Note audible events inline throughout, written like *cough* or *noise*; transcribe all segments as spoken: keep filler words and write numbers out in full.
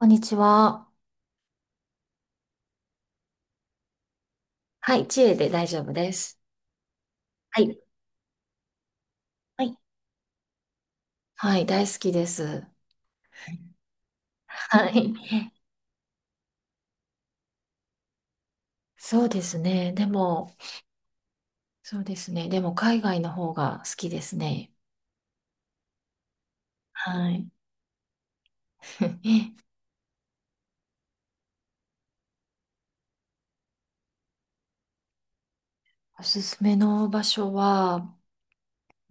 こんにちは。はい、知恵で大丈夫です。はい。はい。はい、大好きです。はい。そうですね。でも、そうですね。でも、海外の方が好きですね。はい。*laughs* おすすめの場所は、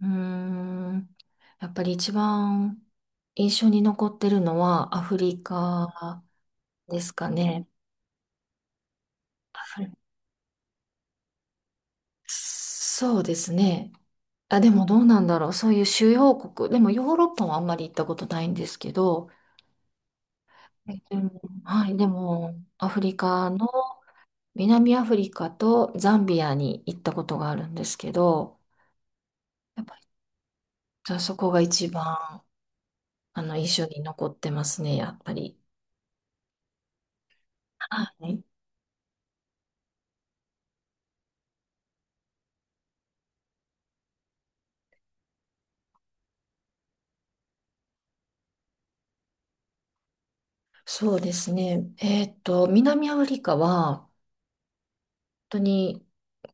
うーん、やっぱり一番印象に残ってるのはアフリカですかね。アフリそうですね。あ、でもどうなんだろう。そういう主要国。でもヨーロッパはあんまり行ったことないんですけど、はいでも、はい、でもアフリカの南アフリカとザンビアに行ったことがあるんですけど、やっぱりじゃあそこが一番あの印象に残ってますね、やっぱり。はい。そうですね。えっと、南アフリカは当に、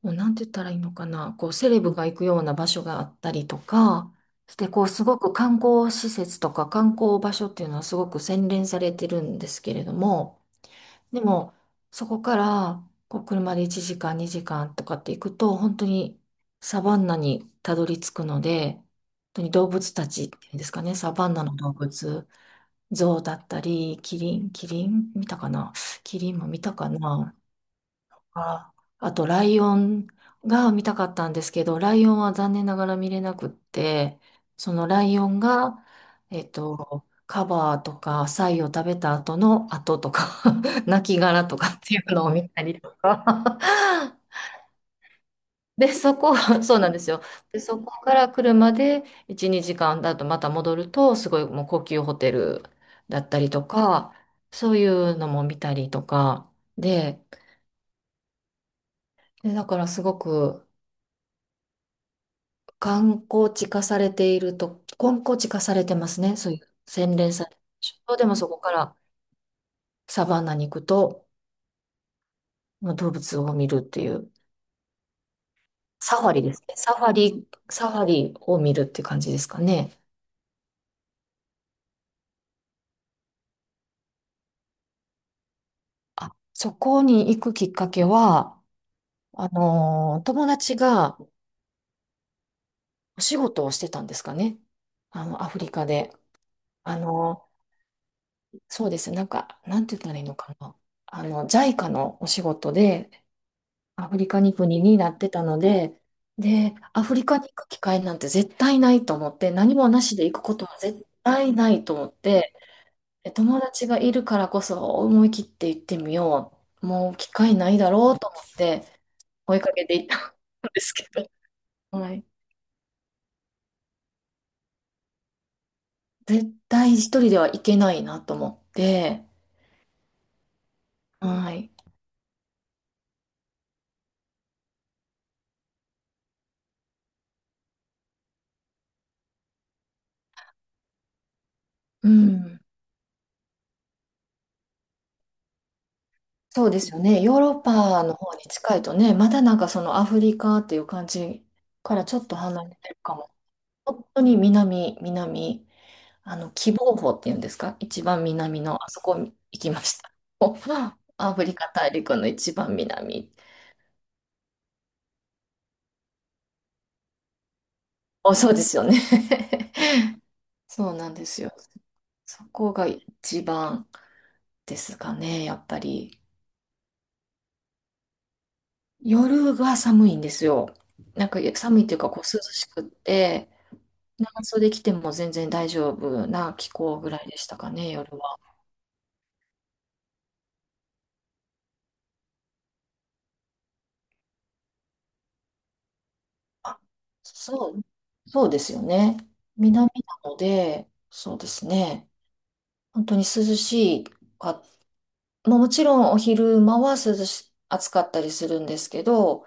こう、なんて言ったらいいのかな、こう、セレブが行くような場所があったりとか、して、こう、すごく観光施設とか観光場所っていうのはすごく洗練されてるんですけれども、でも、そこから、こう、車でいちじかん、にじかんとかって行くと、本当にサバンナにたどり着くので、本当に動物たちっていうんですかね、サバンナの動物、ゾウだったり、キリン、キリン見たかな。キリンも見たかな。あ、あと、ライオンが見たかったんですけど、ライオンは残念ながら見れなくって、そのライオンが、えっと、カバーとか、サイを食べた後の後とか、*laughs* 亡きとかっていうのを見たりとか。で、そこ、*laughs* そうなんですよ。で、そこから車でいち、にじかんだとまた戻ると、すごいもう高級ホテルだったりとか、そういうのも見たりとか、で、で、だからすごく、観光地化されていると、観光地化されてますね。そういう、洗練されてるでしょ。でもそこからサバンナに行くと、まあ動物を見るっていう、サファリですね。サファリ、サファリを見るって感じですかね。あ、そこに行くきっかけは、あのー、友達がお仕事をしてたんですかね。あの、アフリカで。あのー、そうです。なんか、なんて言ったらいいのかな。あの、ジャイカのお仕事で、アフリカに国になってたので、で、アフリカに行く機会なんて絶対ないと思って、何もなしで行くことは絶対ないと思って、で友達がいるからこそ思い切って行ってみよう。もう機会ないだろうと思って追いかけて行ったんですけど、*laughs* はい。絶対一人では行けないなと思って、はい。うん。そうですよね。ヨーロッパの方に近いとね、まだなんかそのアフリカっていう感じからちょっと離れてるかも。本当に南、南、あの、喜望峰っていうんですか一番南の、あそこ行きました。*laughs* おアフリカ大陸の一番南。お、そうですよね。*laughs* そうなんですよ。そこが一番ですかね、やっぱり。夜が寒いんですよ。なんか寒いっていうか、こう涼しくって、長袖着ても全然大丈夫な気候ぐらいでしたかね、夜は。あ、そう、そうですよね。南なので、そうですね。本当に涼しいか、まあもちろんお昼間は涼し、暑かったりするんですけど、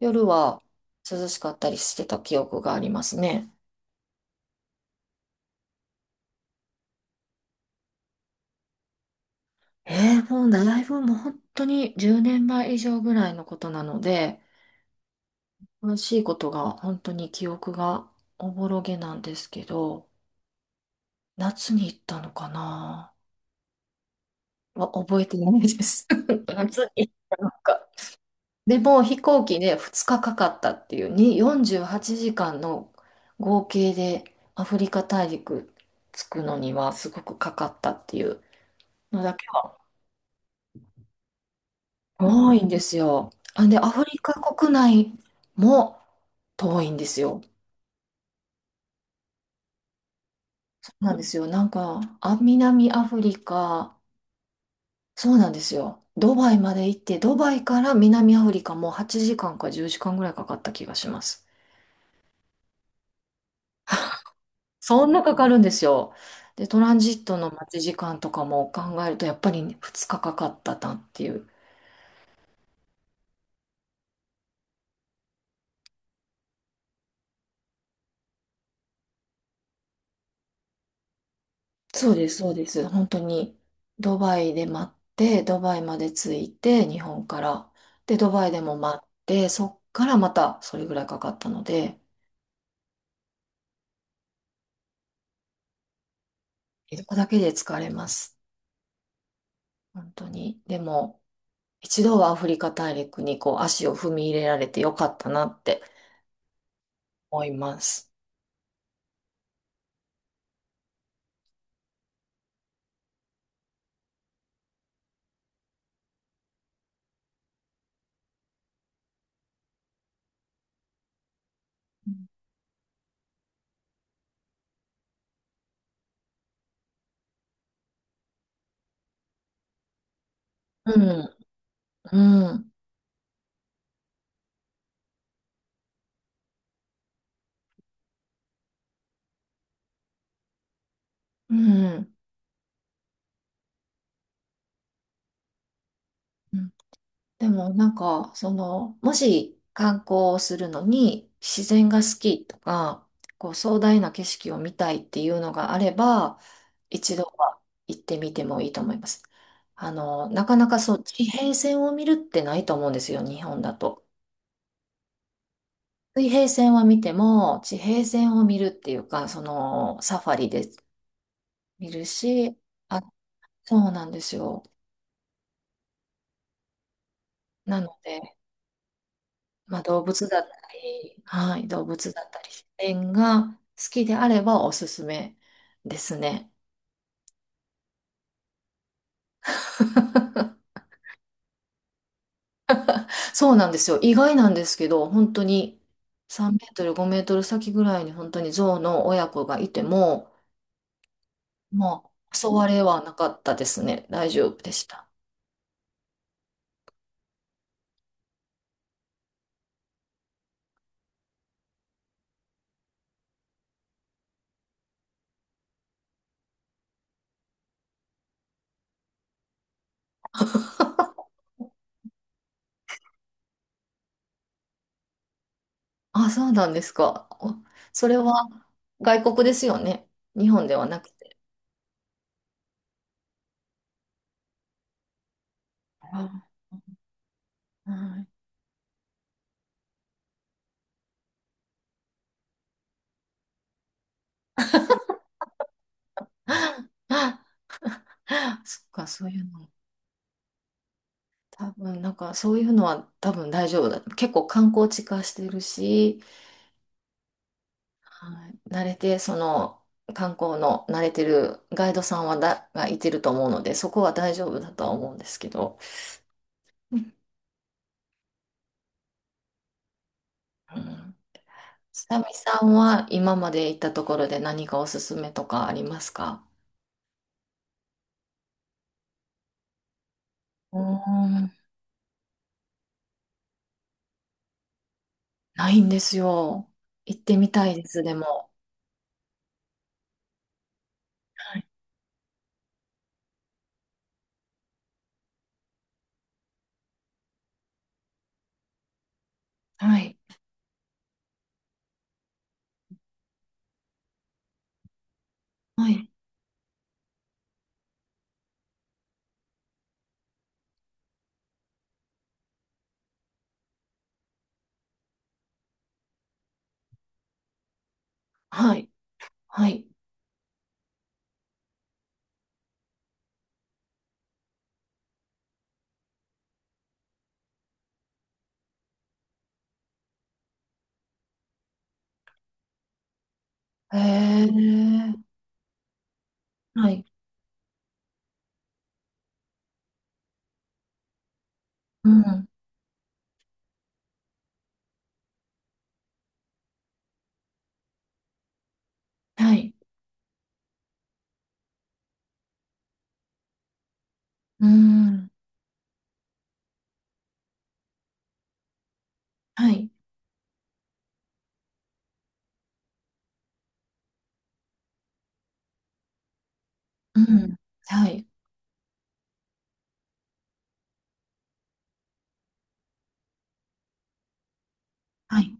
夜は涼しかったりしてた記憶がありますね。えー、もうだいぶもう本当にじゅうねんまえ以上ぐらいのことなので、楽しいことが本当に記憶がおぼろげなんですけど、夏に行ったのかなは覚えてないです。*laughs* 夏に行ったのか。でも飛行機でふつかかかかったっていう、によんじゅうはちじかんの合計でアフリカ大陸着くのにはすごくかかったっていうのだけは多いんですよ。あ、で、アフリカ国内も遠いんですよ。そうなんですよ。なんか、あ、南アフリカ、そうなんですよ。ドバイまで行って、ドバイから南アフリカもはちじかんかじゅうじかんぐらいかかった気がします。そんなかかるんですよ。で、トランジットの待ち時間とかも考えると、やっぱりふつかかかかったなっていう。そうです、そうです。本当に、ドバイで待って、ドバイまで着いて、日本から。で、ドバイでも待って、そっからまたそれぐらいかかったので、移動だけで疲れます。本当に。でも、一度はアフリカ大陸にこう足を踏み入れられてよかったなって思います。うん、うん、うん。うんでもなんか、その、もし観光をするのに自然が好きとか、こう壮大な景色を見たいっていうのがあれば、一度は行ってみてもいいと思います。あの、なかなかそう、地平線を見るってないと思うんですよ、日本だと。水平線は見ても、地平線を見るっていうか、その、サファリで見るし、あ、そうなんですよ。なので、まあ、動物だったり、はい、動物だったり、自然が好きであればおすすめですね。*laughs* そうなんですよ。意外なんですけど、本当にさんメートル、ごメートル先ぐらいに本当に象の親子がいても、まあ、襲われはなかったですね。大丈夫でした。あ、そうなんですか。おそれは外国ですよね。日本ではなくて。あはい *laughs* そっか、そういうの。多分、なんか、そういうのは多分大丈夫だ。結構観光地化してるし、はい、慣れて、その観光の慣れてるガイドさんはだがいてると思うので、そこは大丈夫だとは思うんですけど、うんう久美さんは今まで行ったところで何かおすすめとかありますか？うーん、ないんですよ。行ってみたいです、でも。はい。はい。はい。はい。はいへえ。はい。うん。はい。うん。はい。うん。はい。はい。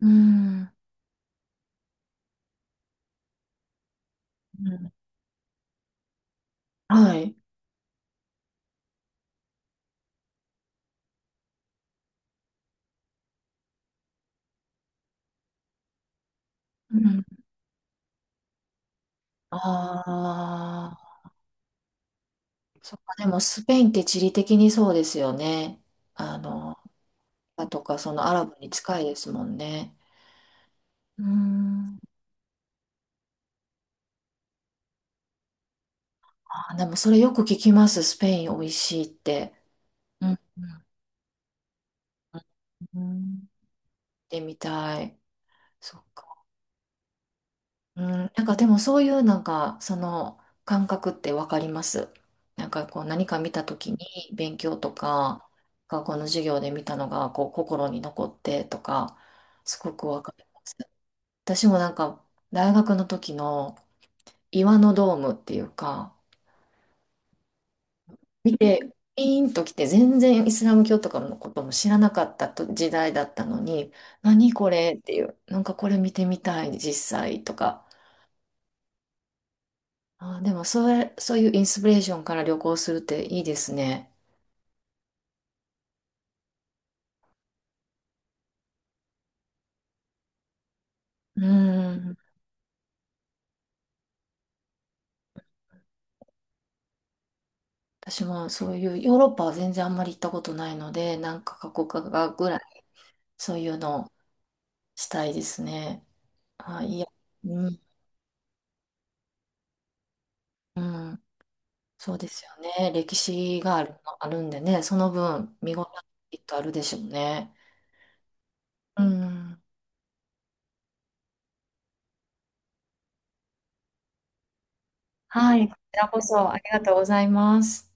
うん。うんはい。うんああ、そっか、でもスペインって地理的にそうですよね。あの、あとか、そのアラブに近いですもんね。うーん。あー、でもそれよく聞きます。スペイン美味しいって。うん、うん、うん。行ってみたい。そっか。うん、なんかでもそういうなんか、その感覚ってわかります。なんかこう何か見た時に勉強とか、学校の授業で見たのがこう心に残ってとか、すごくわかります。私もなんか、大学の時の岩のドームっていうか、見て、ピーンと来て、全然イスラム教とかのことも知らなかったと時代だったのに、何これっていう、なんかこれ見てみたい、実際とか。あー、でもそれ、そういうインスピレーションから旅行するっていいですね。うん。私もそういう、ヨーロッパは全然あんまり行ったことないので、なんか過去かぐらい、そういうのをしたいですね。あー、いや、うん、うん。そうですよね。歴史がある、まあるんでね、その分見応えきっとあるでしょうね。うん。はい、こちらこそありがとうございます。